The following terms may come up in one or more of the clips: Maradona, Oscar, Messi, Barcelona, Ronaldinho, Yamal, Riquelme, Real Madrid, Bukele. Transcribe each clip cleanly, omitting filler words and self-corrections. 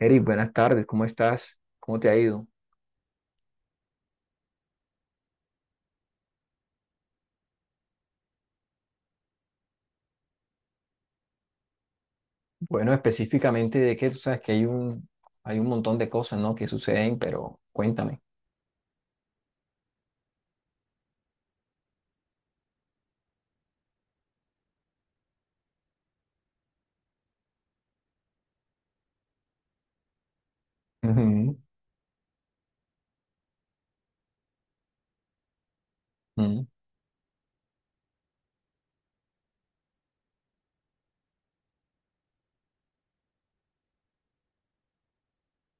Eric, buenas tardes, ¿cómo estás? ¿Cómo te ha ido? Bueno, específicamente de qué, tú sabes que hay un montón de cosas, ¿no?, que suceden, pero cuéntame. Ujú, ujú.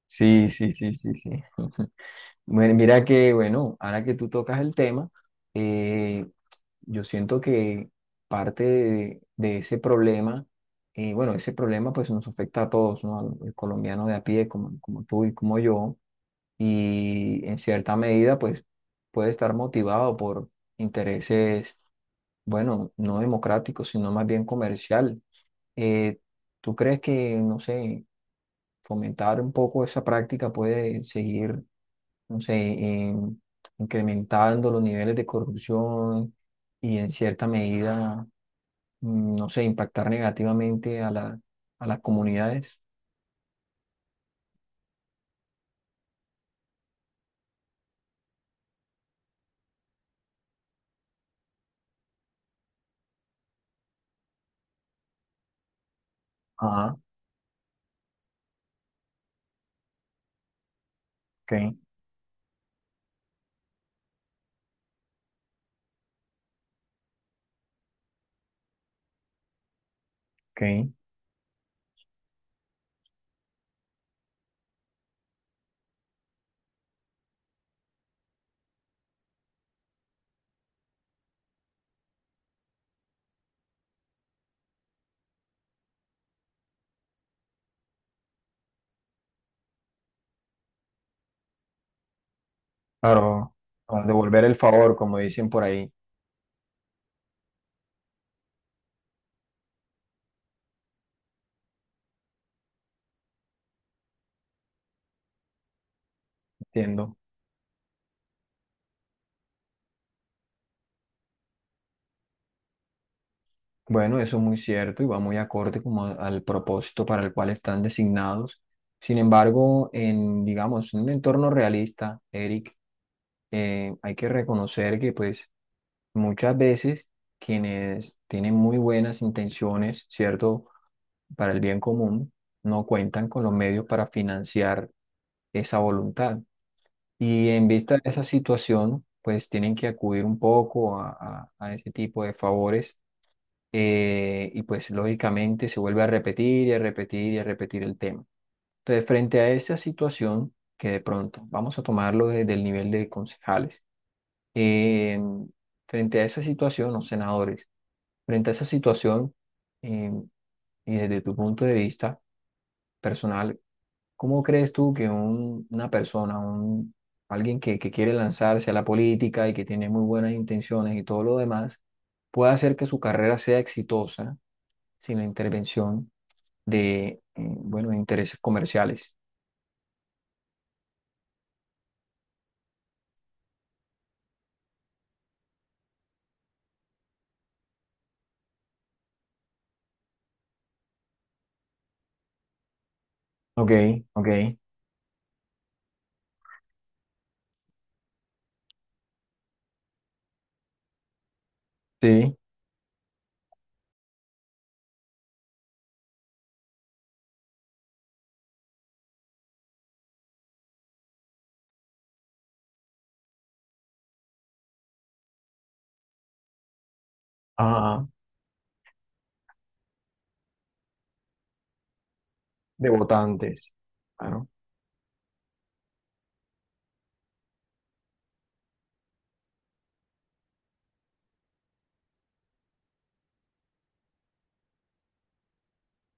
Sí, sí, sí, sí, sí. Bueno, mira que, ahora que tú tocas el tema, eh, yo siento que parte de ese problema, bueno, ese problema pues nos afecta a todos, ¿no? Al colombiano de a pie, como, como tú y como yo, y en cierta medida pues puede estar motivado por intereses, bueno, no democráticos, sino más bien comercial. Eh, ¿Tú crees que, no sé, fomentar un poco esa práctica puede seguir, no sé, em, incrementando los niveles de corrupción y en cierta medida, no sé, impactar negativamente a a las comunidades? Ah, ok, ok. Claro, a devolver el favor, como dicen por ahí, entiendo. Bueno, eso es muy cierto y va muy acorde como al propósito para el cual están designados. Sin embargo, en, digamos, en un entorno realista, Eric, hay que reconocer que pues muchas veces quienes tienen muy buenas intenciones, ¿cierto?, para el bien común, no cuentan con los medios para financiar esa voluntad. Y en vista de esa situación, pues tienen que acudir un poco a, a ese tipo de favores, y pues lógicamente se vuelve a repetir y a repetir y a repetir el tema. Entonces, frente a esa situación, que de pronto, vamos a tomarlo desde el nivel de concejales, eh, frente a esa situación, o senadores, frente a esa situación, eh, y desde tu punto de vista personal, ¿cómo crees tú que una persona, un, alguien que quiere lanzarse a la política y que tiene muy buenas intenciones y todo lo demás, puede hacer que su carrera sea exitosa sin la intervención de, bueno, de intereses comerciales? Ok, ok, sí, ajá, de votantes. Claro.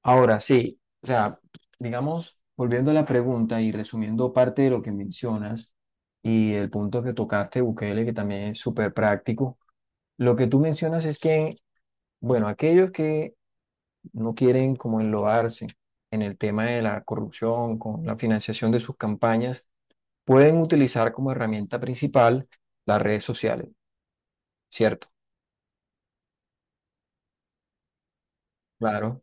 Ahora sí, o sea, digamos, volviendo a la pregunta y resumiendo parte de lo que mencionas y el punto que tocaste, Bukele, que también es súper práctico, lo que tú mencionas es que, bueno, aquellos que no quieren como enlodarse en el tema de la corrupción, con la financiación de sus campañas, pueden utilizar como herramienta principal las redes sociales, ¿cierto? Claro.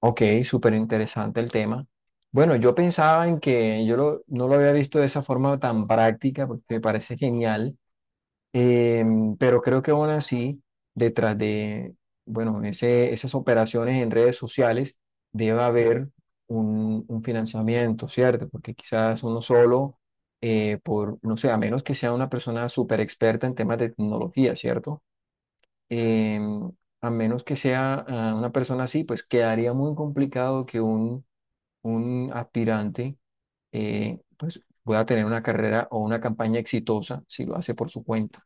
Ok, súper interesante el tema. Bueno, yo pensaba en que yo no lo había visto de esa forma tan práctica, porque me parece genial, pero creo que aún así, detrás de, bueno, ese, esas operaciones en redes sociales, debe haber un financiamiento, ¿cierto? Porque quizás uno solo, por, no sé, a menos que sea una persona súper experta en temas de tecnología, ¿cierto?, eh, a menos que sea una persona así, pues quedaría muy complicado que un aspirante pues pueda tener una carrera o una campaña exitosa si lo hace por su cuenta.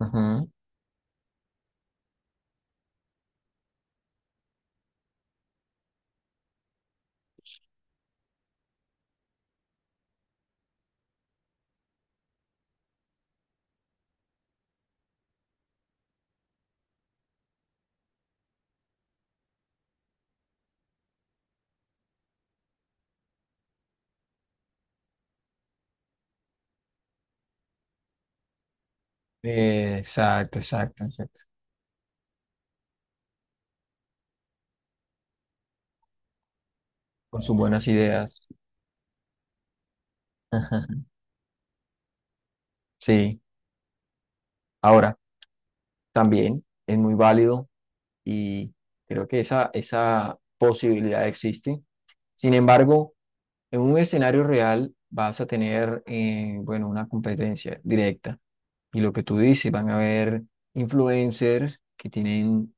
Ujú. Exacto, exacto, exacto. Con sus buenas ideas. Ajá. Sí. Ahora, también es muy válido y creo que esa posibilidad existe. Sin embargo, en un escenario real vas a tener, bueno, una competencia directa. Y lo que tú dices, van a haber influencers que tienen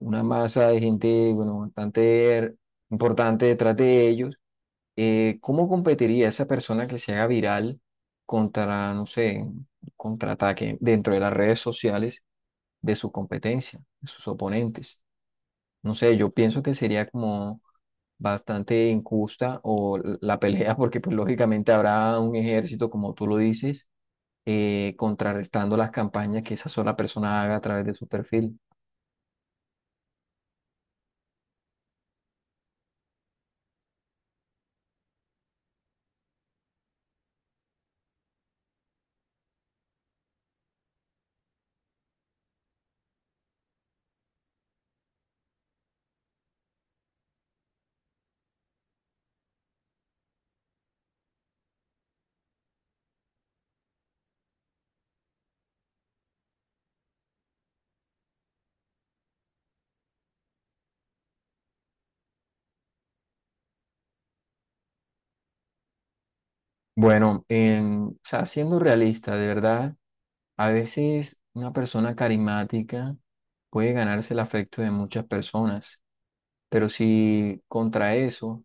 una masa de gente, bueno, bastante importante detrás de ellos. ¿Cómo competiría esa persona que se haga viral contra, no sé, un contraataque dentro de las redes sociales de su competencia, de sus oponentes? No sé, yo pienso que sería como bastante injusta o la pelea, porque pues lógicamente habrá un ejército, como tú lo dices, contrarrestando las campañas que esa sola persona haga a través de su perfil. Bueno, o sea, siendo realista, de verdad, a veces una persona carismática puede ganarse el afecto de muchas personas, pero si contra eso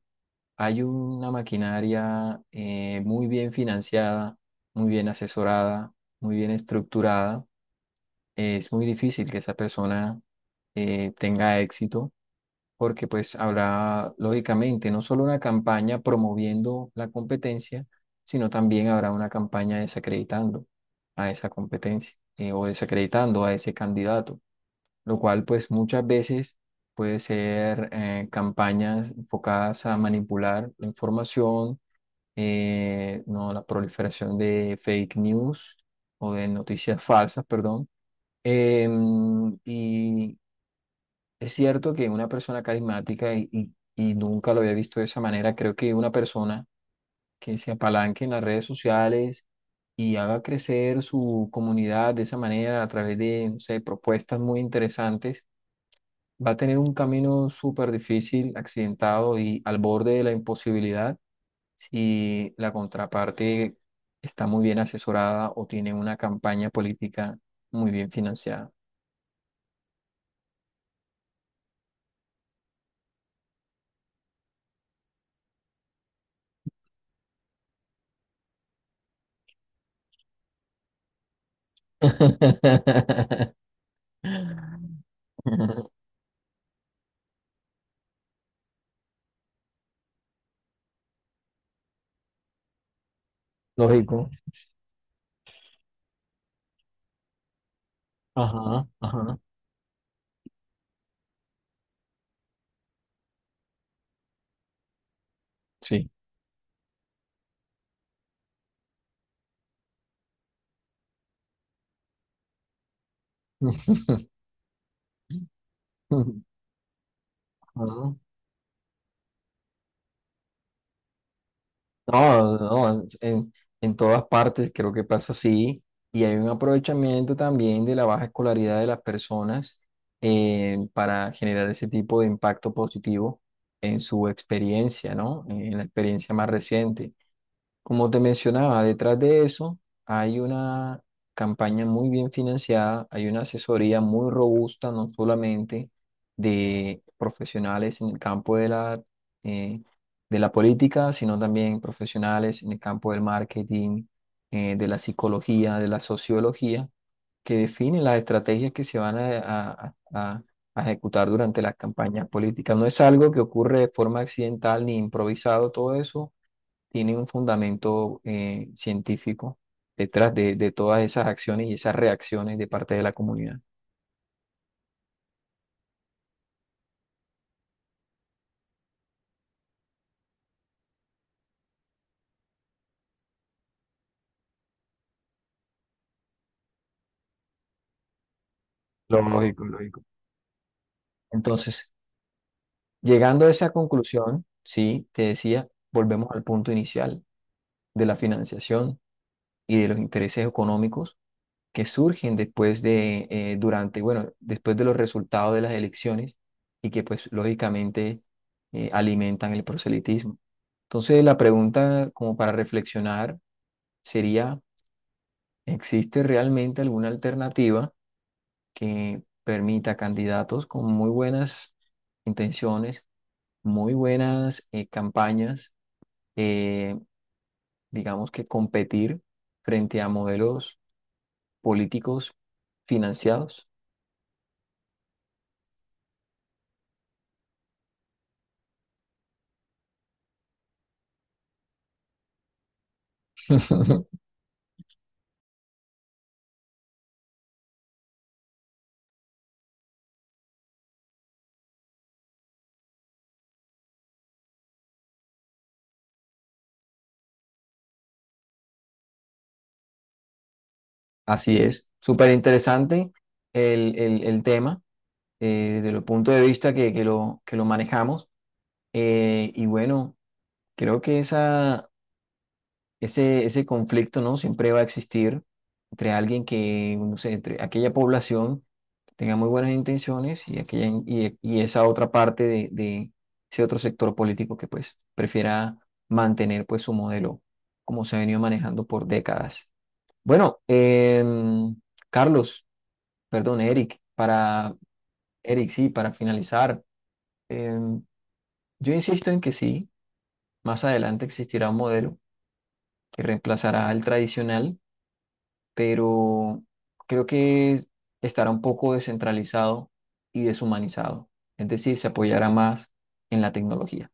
hay una maquinaria, muy bien financiada, muy bien asesorada, muy bien estructurada, es muy difícil que esa persona tenga éxito, porque pues habrá, lógicamente, no solo una campaña promoviendo la competencia, sino también habrá una campaña desacreditando a esa competencia, o desacreditando a ese candidato, lo cual pues muchas veces puede ser, campañas enfocadas a manipular la información, no, la proliferación de fake news o de noticias falsas, perdón. Y es cierto que una persona carismática, y nunca lo había visto de esa manera, creo que una persona que se apalanque en las redes sociales y haga crecer su comunidad de esa manera a través de, no sé, propuestas muy interesantes, va a tener un camino súper difícil, accidentado y al borde de la imposibilidad si la contraparte está muy bien asesorada o tiene una campaña política muy bien financiada. Lógico. Ajá, ajá, sí. Ajá. No, no, en todas partes creo que pasa así y hay un aprovechamiento también de la baja escolaridad de las personas, para generar ese tipo de impacto positivo en su experiencia, ¿no? En la experiencia más reciente. Como te mencionaba, detrás de eso hay una campaña muy bien financiada, hay una asesoría muy robusta, no solamente de profesionales en el campo de la, eh, de la política, sino también profesionales en el campo del marketing, de la psicología, de la sociología, que definen las estrategias que se van a, a- a- a ejecutar durante las campañas políticas. No es algo que ocurre de forma accidental ni improvisado, todo eso tiene un fundamento, científico detrás de todas esas acciones y esas reacciones de parte de la comunidad. Lógico, lógico. Entonces, llegando a esa conclusión, sí, te decía, volvemos al punto inicial, de la financiación y de los intereses económicos que surgen después de, durante, bueno, después de los resultados de las elecciones y que pues lógicamente alimentan el proselitismo. Entonces la pregunta como para reflexionar sería, ¿existe realmente alguna alternativa que permita a candidatos con muy buenas intenciones, muy buenas campañas, eh, digamos, que competir frente a modelos políticos financiados? Así es, súper interesante el tema, desde el punto de vista que lo manejamos. Y bueno, creo que ese, ese conflicto, ¿no?, siempre va a existir entre alguien que, no sé, entre aquella población que tenga muy buenas intenciones y, aquella, y esa otra parte de ese otro sector político que pues prefiera mantener pues su modelo como se ha venido manejando por décadas. Bueno, Carlos, perdón, Eric, para Eric, sí, para finalizar, em, yo insisto en que sí, más adelante existirá un modelo que reemplazará al tradicional, pero creo que estará un poco descentralizado y deshumanizado. Es decir, se apoyará más en la tecnología.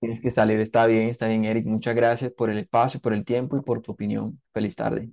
Tienes que salir, está bien, Eric. Muchas gracias por el espacio, por el tiempo y por tu opinión. Feliz tarde.